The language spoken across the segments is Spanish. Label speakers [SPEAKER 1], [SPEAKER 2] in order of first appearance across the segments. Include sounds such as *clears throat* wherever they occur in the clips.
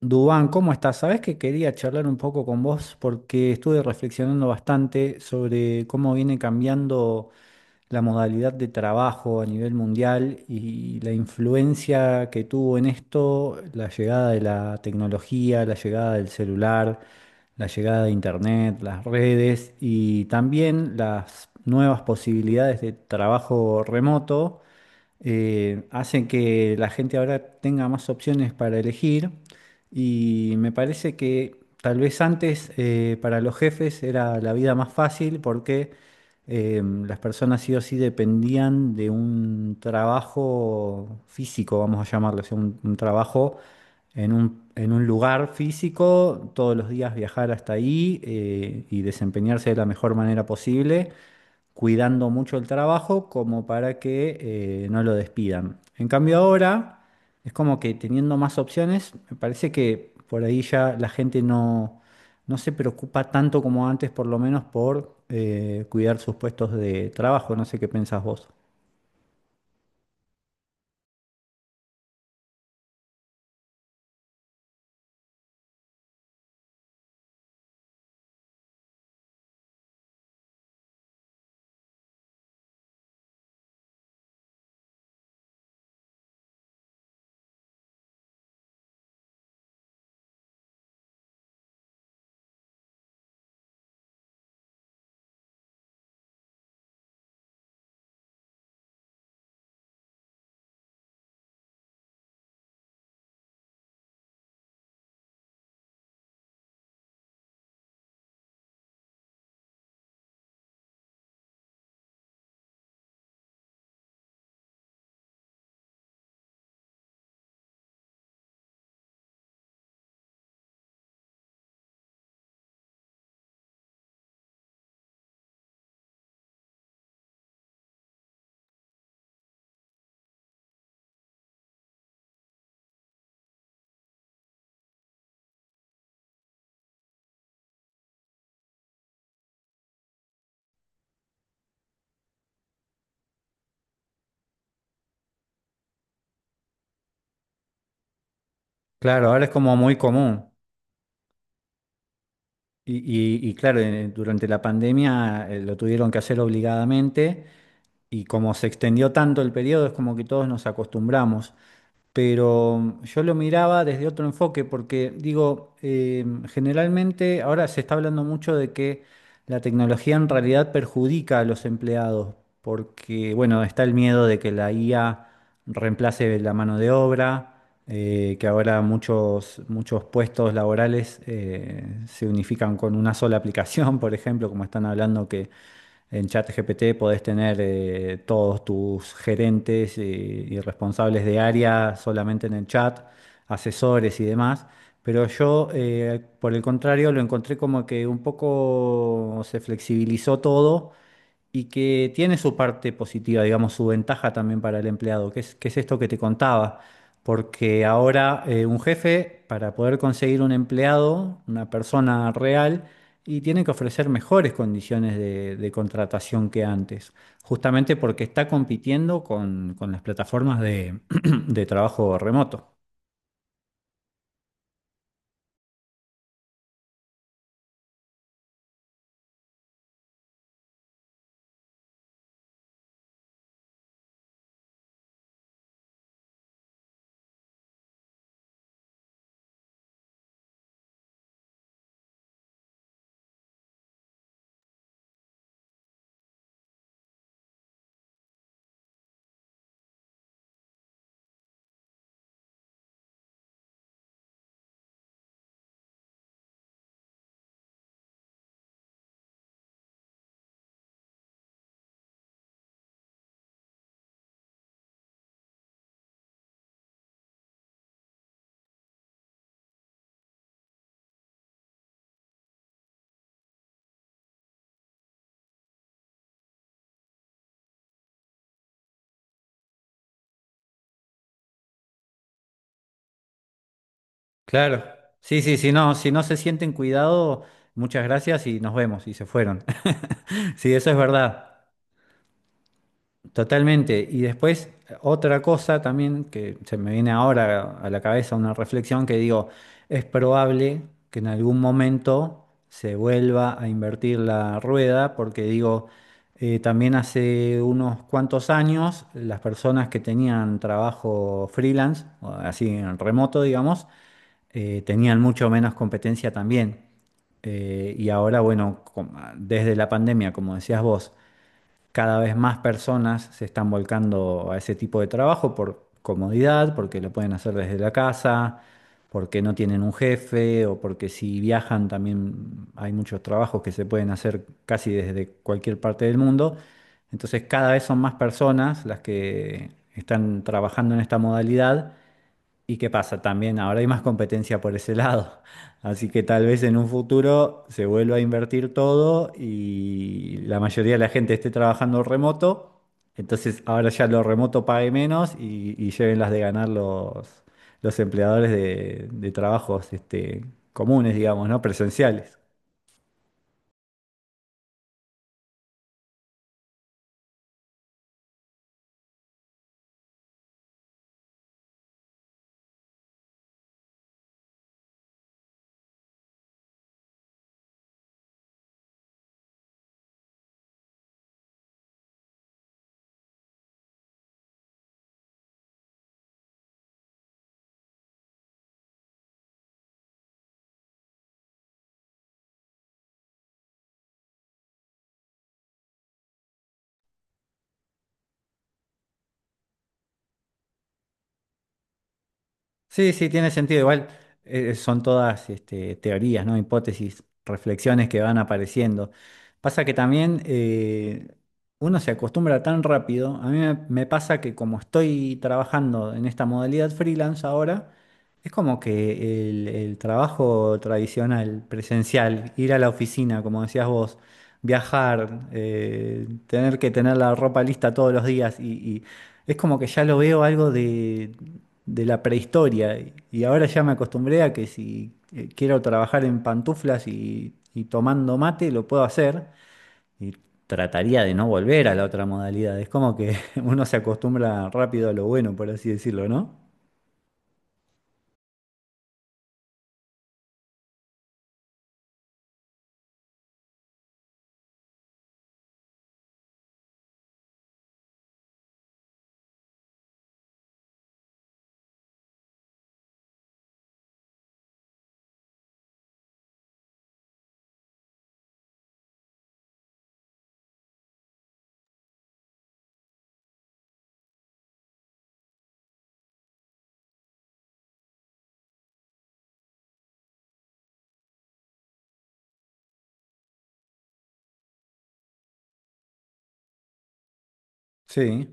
[SPEAKER 1] Dubán, ¿cómo estás? Sabés que quería charlar un poco con vos porque estuve reflexionando bastante sobre cómo viene cambiando la modalidad de trabajo a nivel mundial y la influencia que tuvo en esto la llegada de la tecnología, la llegada del celular, la llegada de Internet, las redes y también las nuevas posibilidades de trabajo remoto hacen que la gente ahora tenga más opciones para elegir. Y me parece que tal vez antes, para los jefes era la vida más fácil porque las personas sí o sí dependían de un trabajo físico, vamos a llamarlo, o sea, un trabajo en un lugar físico, todos los días viajar hasta ahí, y desempeñarse de la mejor manera posible, cuidando mucho el trabajo como para que no lo despidan. En cambio ahora es como que teniendo más opciones, me parece que por ahí ya la gente no, no se preocupa tanto como antes, por lo menos por cuidar sus puestos de trabajo. No sé qué pensás vos. Claro, ahora es como muy común. Y claro, durante la pandemia, lo tuvieron que hacer obligadamente, y como se extendió tanto el periodo, es como que todos nos acostumbramos. Pero yo lo miraba desde otro enfoque, porque digo, generalmente ahora se está hablando mucho de que la tecnología en realidad perjudica a los empleados, porque bueno, está el miedo de que la IA reemplace la mano de obra, que ahora muchos puestos laborales se unifican con una sola aplicación, *laughs* por ejemplo, como están hablando que en ChatGPT podés tener todos tus gerentes, y responsables de área solamente en el chat, asesores y demás. Pero yo, por el contrario, lo encontré como que un poco se flexibilizó todo y que tiene su parte positiva, digamos, su ventaja también para el empleado, que es esto que te contaba, porque ahora, un jefe, para poder conseguir un empleado, una persona real, y tiene que ofrecer mejores condiciones de contratación que antes, justamente porque está compitiendo con las plataformas de, *clears throat* de trabajo remoto. Claro. Sí, sí, si no se sienten cuidado, muchas gracias y nos vemos, y se fueron. *laughs* Sí, eso es verdad. Totalmente. Y después, otra cosa también que se me viene ahora a la cabeza, una reflexión que digo, es probable que en algún momento se vuelva a invertir la rueda, porque digo, también hace unos cuantos años las personas que tenían trabajo freelance, o así en remoto, digamos, tenían mucho menos competencia también. Y ahora, bueno, desde la pandemia, como decías vos, cada vez más personas se están volcando a ese tipo de trabajo por comodidad, porque lo pueden hacer desde la casa, porque no tienen un jefe o porque si viajan también hay muchos trabajos que se pueden hacer casi desde cualquier parte del mundo. Entonces cada vez son más personas las que están trabajando en esta modalidad. ¿Y qué pasa? También ahora hay más competencia por ese lado. *laughs* Así que tal vez en un futuro se vuelva a invertir todo y la mayoría de la gente esté trabajando remoto. Entonces ahora ya lo remoto pague menos, y lleven las de ganar los empleadores de trabajos este, comunes, digamos, ¿no? Presenciales. Sí, sí, tiene sentido. Igual, son todas este, teorías, ¿no? Hipótesis, reflexiones que van apareciendo. Pasa que también, uno se acostumbra tan rápido. A mí me pasa que como estoy trabajando en esta modalidad freelance ahora, es como que el trabajo tradicional, presencial, ir a la oficina, como decías vos, viajar, tener que tener la ropa lista todos los días y- es como que ya lo veo algo de la prehistoria. Y ahora ya me acostumbré a que si, quiero trabajar en pantuflas y tomando mate, lo puedo hacer. Y trataría de no volver a la otra modalidad. Es como que *laughs* uno se acostumbra rápido a lo bueno, por así decirlo, ¿no? Sí,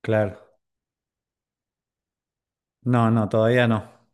[SPEAKER 1] claro. No, no, todavía no.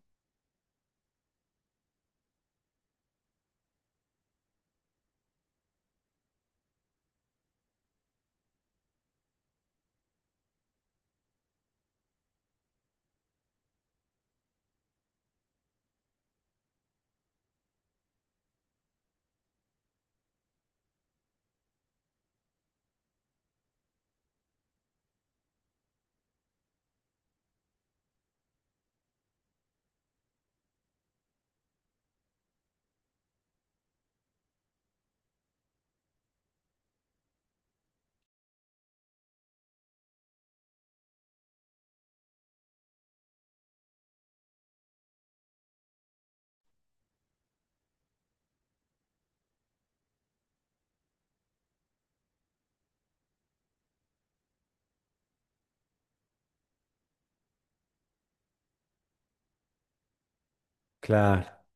[SPEAKER 1] Claro.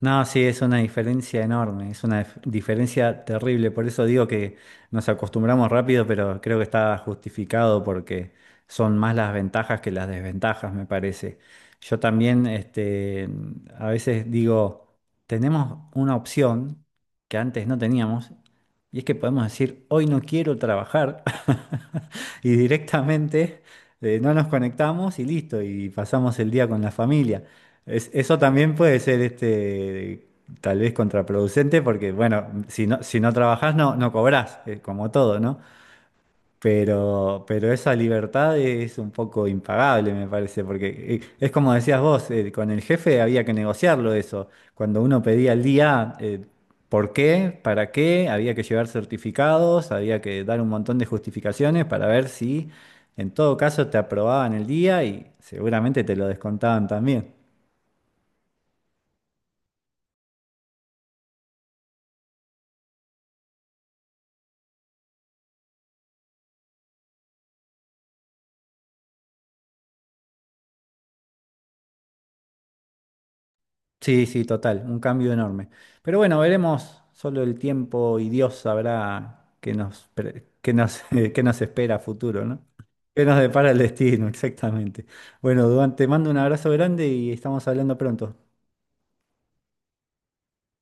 [SPEAKER 1] No, sí, es una diferencia enorme, es una diferencia terrible. Por eso digo que nos acostumbramos rápido, pero creo que está justificado porque son más las ventajas que las desventajas, me parece. Yo también, este, a veces digo, tenemos una opción que antes no teníamos, y es que podemos decir, hoy no quiero trabajar, *laughs* y directamente, no nos conectamos y listo, y pasamos el día con la familia. Eso también puede ser este, tal vez contraproducente, porque bueno, si no trabajás no cobrás, como todo, ¿no? Pero esa libertad es un poco impagable, me parece, porque, es como decías vos, con el jefe había que negociarlo eso. Cuando uno pedía el día, ¿por qué? ¿Para qué? Había que llevar certificados, había que dar un montón de justificaciones para ver si en todo caso te aprobaban el día y seguramente te lo descontaban también. Sí, sí, total, un cambio enorme. Pero bueno, veremos, solo el tiempo y Dios sabrá qué nos, *laughs* qué nos espera a futuro, ¿no? ¿Qué nos depara el destino, *laughs* exactamente? Bueno, Duan, te mando un abrazo grande y estamos hablando pronto.